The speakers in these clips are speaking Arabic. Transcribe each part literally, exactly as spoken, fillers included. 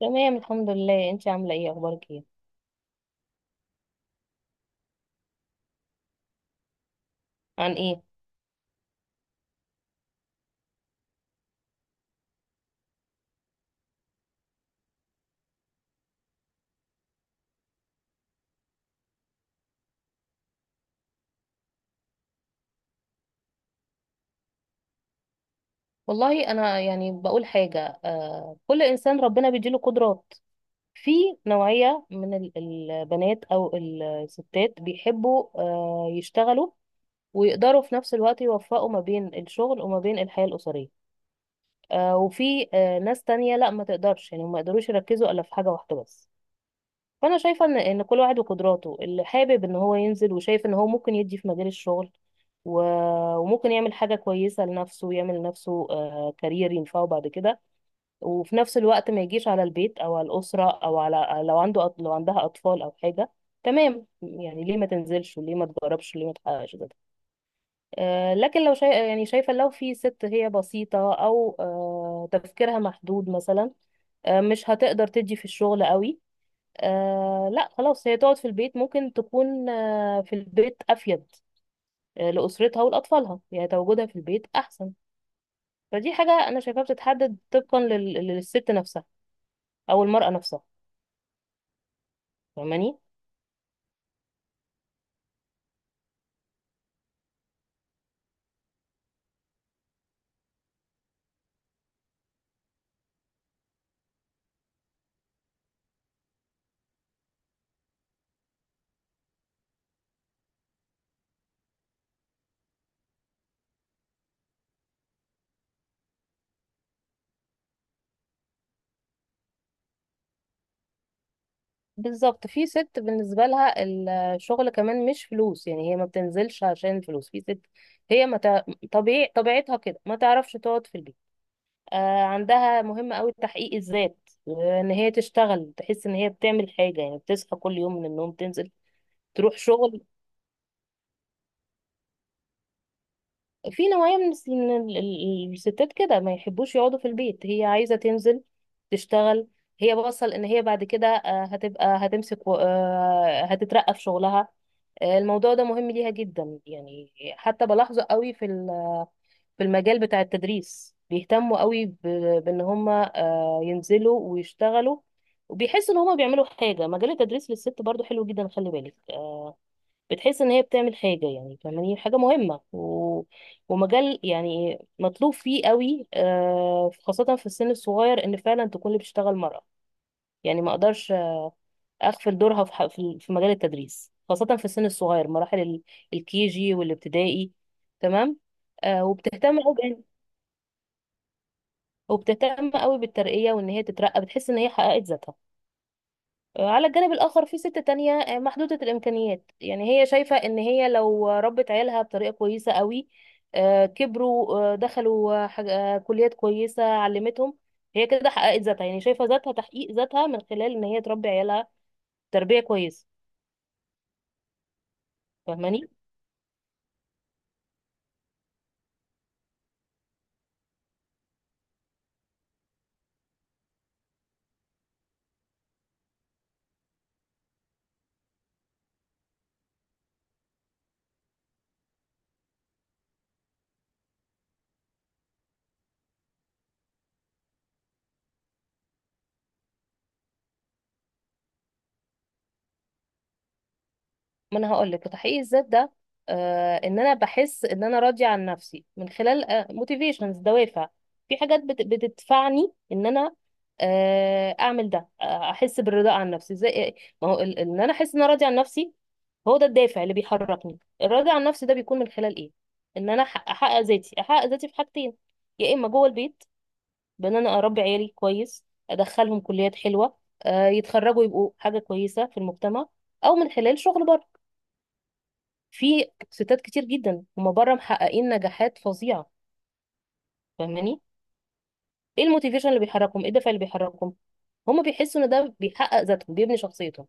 تمام، الحمد لله. انت عامله ايه؟ اخبارك ايه؟ عن ايه؟ والله انا يعني بقول حاجه. آه كل انسان ربنا بيديله قدرات. في نوعيه من ال- البنات او الستات بيحبوا آه يشتغلوا، ويقدروا في نفس الوقت يوفقوا ما بين الشغل وما بين الحياه الاسريه. آه وفي آه ناس تانية، لا، ما تقدرش يعني ما يقدروش يركزوا الا في حاجه واحده بس. فانا شايفه ان ان كل واحد وقدراته اللي حابب ان هو ينزل، وشايف ان هو ممكن يدي في مجال الشغل. و- وممكن يعمل حاجه كويسه لنفسه، يعمل لنفسه آه، كارير ينفعه بعد كده، وفي نفس الوقت ما يجيش على البيت او على الاسره، او على لو عنده أط- لو عندها اطفال او حاجه. تمام، يعني ليه ما تنزلش وليه ما تجربش وليه ما تحققش كده؟ آه، لكن لو شايف يعني شايفه، لو في ست هي بسيطه او آه، تفكيرها محدود مثلا، آه، مش هتقدر تدي في الشغل قوي. آه لا، خلاص، هي تقعد في البيت، ممكن تكون آه في البيت أفيد، آه لأسرتها ولأطفالها، يعني تواجدها في البيت أحسن. فدي حاجة أنا شايفاها بتتحدد طبقا لل... للست نفسها، أو المرأة نفسها. فاهماني؟ بالظبط، في ست بالنسبة لها الشغل كمان مش فلوس، يعني هي ما بتنزلش عشان الفلوس. في ست هي ما تع- طبيعي طبيعتها كده ما تعرفش تقعد في البيت. آه عندها مهم قوي تحقيق الذات، آه، ان هي تشتغل، تحس ان هي بتعمل حاجة، يعني بتصحى كل يوم من النوم تنزل تروح شغل. في نوعية من الس- من ال- ال- الستات كده ما يحبوش يقعدوا في البيت، هي عايزة تنزل تشتغل. هي بوصل ان هي بعد كده آه، هتبقى هتمسك، و- آه، هتترقى في شغلها. آه، الموضوع ده مهم ليها جدا، يعني. حتى بلاحظه قوي في ال- في المجال بتاع التدريس، بيهتموا قوي ب- بان هم آه، ينزلوا ويشتغلوا، وبيحسوا ان هم بيعملوا حاجة. مجال التدريس للست برضو حلو جدا، خلي بالك. بتحس ان هي بتعمل حاجه، يعني فاهماني، حاجه مهمه و... ومجال يعني مطلوب فيه قوي، آه خاصه في السن الصغير ان فعلا تكون اللي بتشتغل مرأة. يعني ما اقدرش اغفل دورها في ح- في في مجال التدريس، خاصه في السن الصغير، مراحل ال- الكي جي والابتدائي. تمام. آه وبتهتم قوي، وبتهتم قوي بالترقيه، وان هي تترقى بتحس ان هي حققت ذاتها. على الجانب الآخر في ست تانية آه، محدودة الإمكانيات، يعني هي شايفة إن هي لو ربت عيالها بطريقة كويسة قوي، آه، كبروا، آه، دخلوا، آه، حاج- آه، كليات كويسة، علمتهم. هي كده حققت ذاتها، يعني شايفة ذاتها، تحقيق ذاتها من خلال إن هي تربي عيالها تربية كويسة. فاهماني؟ ما انا هقول لك، تحقيق الذات ده، آه ان انا بحس ان انا راضيه عن نفسي من خلال موتيفيشنز، دوافع. في حاجات بت- بتدفعني ان انا آه اعمل ده، آه، احس بالرضا عن نفسي، زي آه، ما هو ال- ان انا احس ان انا راضيه عن نفسي. هو ده الدافع اللي بيحركني. الرضا عن نفسي ده بيكون من خلال ايه؟ ان انا أح- احقق ذاتي، احقق ذاتي في حاجتين. يا اما جوه البيت، بان انا اربي عيالي كويس، ادخلهم كليات حلوه، آه، يتخرجوا، يبقوا حاجه كويسه في المجتمع، او من خلال شغل بره. في ستات كتير جدا هما بره محققين نجاحات فظيعه. فاهماني؟ ايه الموتيفيشن اللي بيحركهم؟ ايه الدافع اللي بيحركهم؟ هما بيحسوا ان ده بيحقق ذاتهم، بيبني شخصيتهم.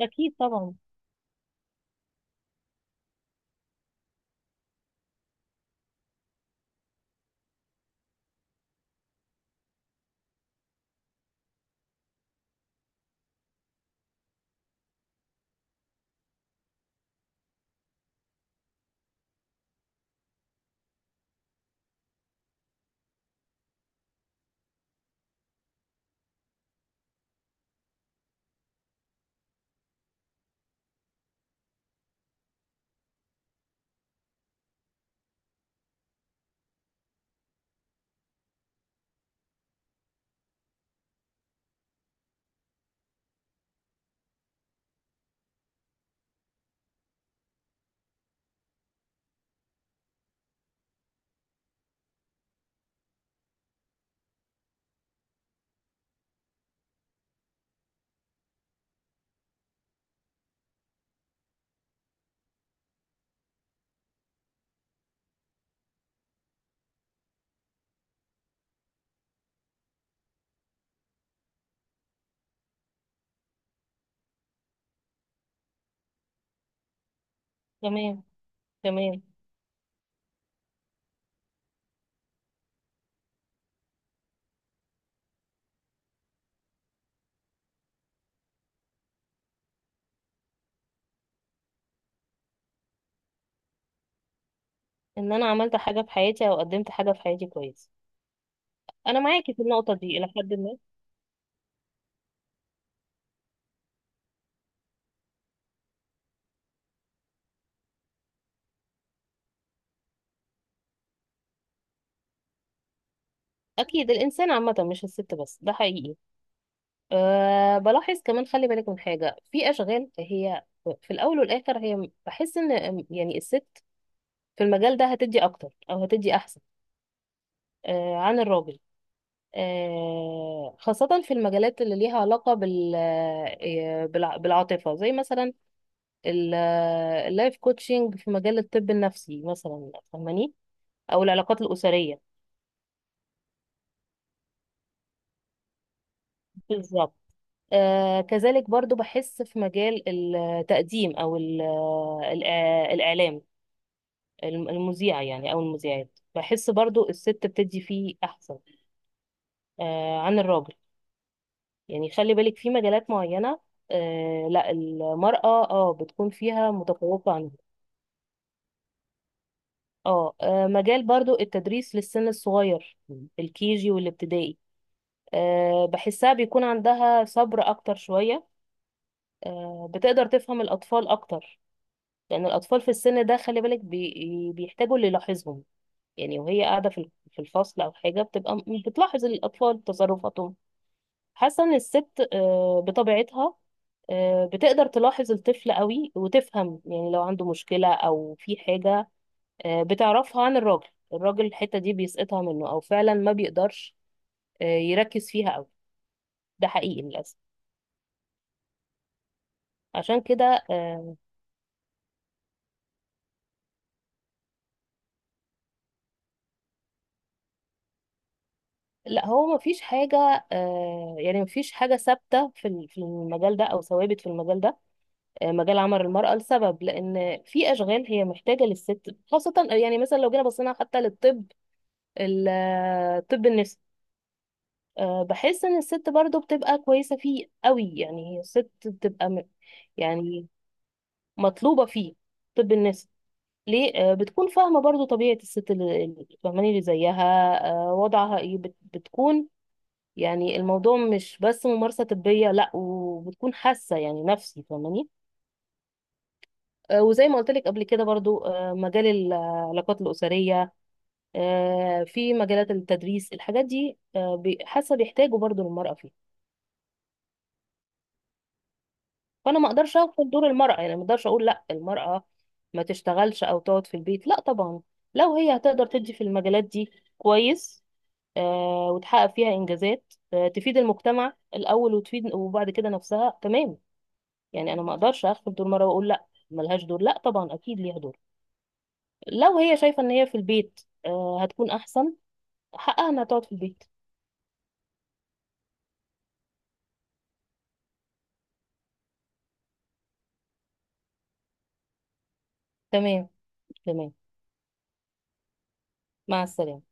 اكيد طبعا. تمام، تمام. ان انا عملت حاجه في حياتي او قدمت حاجه في حياتي كويس. انا معاكي في النقطه دي الى حد ما. اكيد، الانسان عامه مش الست بس، ده حقيقي. أه بلاحظ كمان، خلي بالك من حاجه، في اشغال هي في الاول والاخر، هي بحس ان، يعني، الست في المجال ده هتدي اكتر او هتدي احسن، آه، عن الراجل، آه، خاصة في المجالات اللي ليها علاقة بال آه، بالع- بالعاطفة، زي مثلا ال- آه، اللايف كوتشنج، في مجال الطب النفسي مثلا، فاهماني؟ أو العلاقات الأسرية. بالظبط. آه، كذلك برضو بحس في مجال التقديم، أو ال- آه، الإع- الإعلام، الم- المذيع، يعني، أو المذيعات، بحس برضو الست بتدي فيه أحسن، آه، عن الراجل. يعني خلي بالك، في مجالات معينة، آه لا، المرأة اه بتكون فيها متفوقة عنه. اه آه، مجال برضو التدريس للسن الصغير، الكيجي والابتدائي. آه بحسها بيكون عندها صبر أكتر شوية، آه بتقدر تفهم الأطفال أكتر. لأن الأطفال في السن ده، خلي بالك، بي بيحتاجوا اللي يلاحظهم، يعني، وهي قاعدة في في الفصل أو حاجة، بتبقى م- بتلاحظ الأطفال، تصرفاتهم. حاسه ان الست آه، بطبيعتها آه، بتقدر تلاحظ الطفل قوي وتفهم، يعني لو عنده مشكله او في حاجه، آه، بتعرفها عن الراجل. الراجل الحته دي بيسقطها منه، او فعلا ما بيقدرش آه، يركز فيها قوي. ده حقيقي للاسف. عشان كده، آه، لا، هو ما فيش حاجه، آه، يعني ما فيش حاجه ثابته في ال- في المجال ده، او ثوابت في المجال ده. آه، مجال عمل المراه، لسبب، لان في اشغال هي محتاجه للست خاصه، يعني مثلا لو جينا بصينا حتى للطب، الطب النفسي. آه، بحس ان الست برضو بتبقى كويسة فيه قوي، يعني هي الست بتبقى م-، يعني مطلوبة فيه، طب النفسي، ليه؟ آه، بتكون فاهمة برضو طبيعة الست اللي اللي- فاهماني، اللي زيها، آه، وضعها ايه، بت- بتكون، يعني الموضوع مش بس ممارسة طبية، لا، وبتكون حاسة، يعني نفسي، فاهماني؟ آه، وزي ما قلت لك قبل كده برضو، آه، مجال العلاقات الأسرية، آه، في مجالات التدريس، الحاجات دي، آه، بي- حاسة بيحتاجوا برضو للمرأة فيها. فانا ما اقدرش اغفل دور المرأة، يعني ما اقدرش اقول لا، المرأة ما تشتغلش او تقعد في البيت، لا طبعا. لو هي هتقدر تدي في المجالات دي، كويس، آه وتحقق فيها انجازات، آه تفيد المجتمع الاول، وتفيد، وبعد كده نفسها، تمام. يعني انا ما اقدرش اغفل دور المرأة واقول لا، ملهاش دور. لا طبعا، اكيد ليها دور. لو هي شايفة ان هي في البيت آه هتكون احسن، حقها انها تقعد في البيت. تمام، تمام. مع السلامة.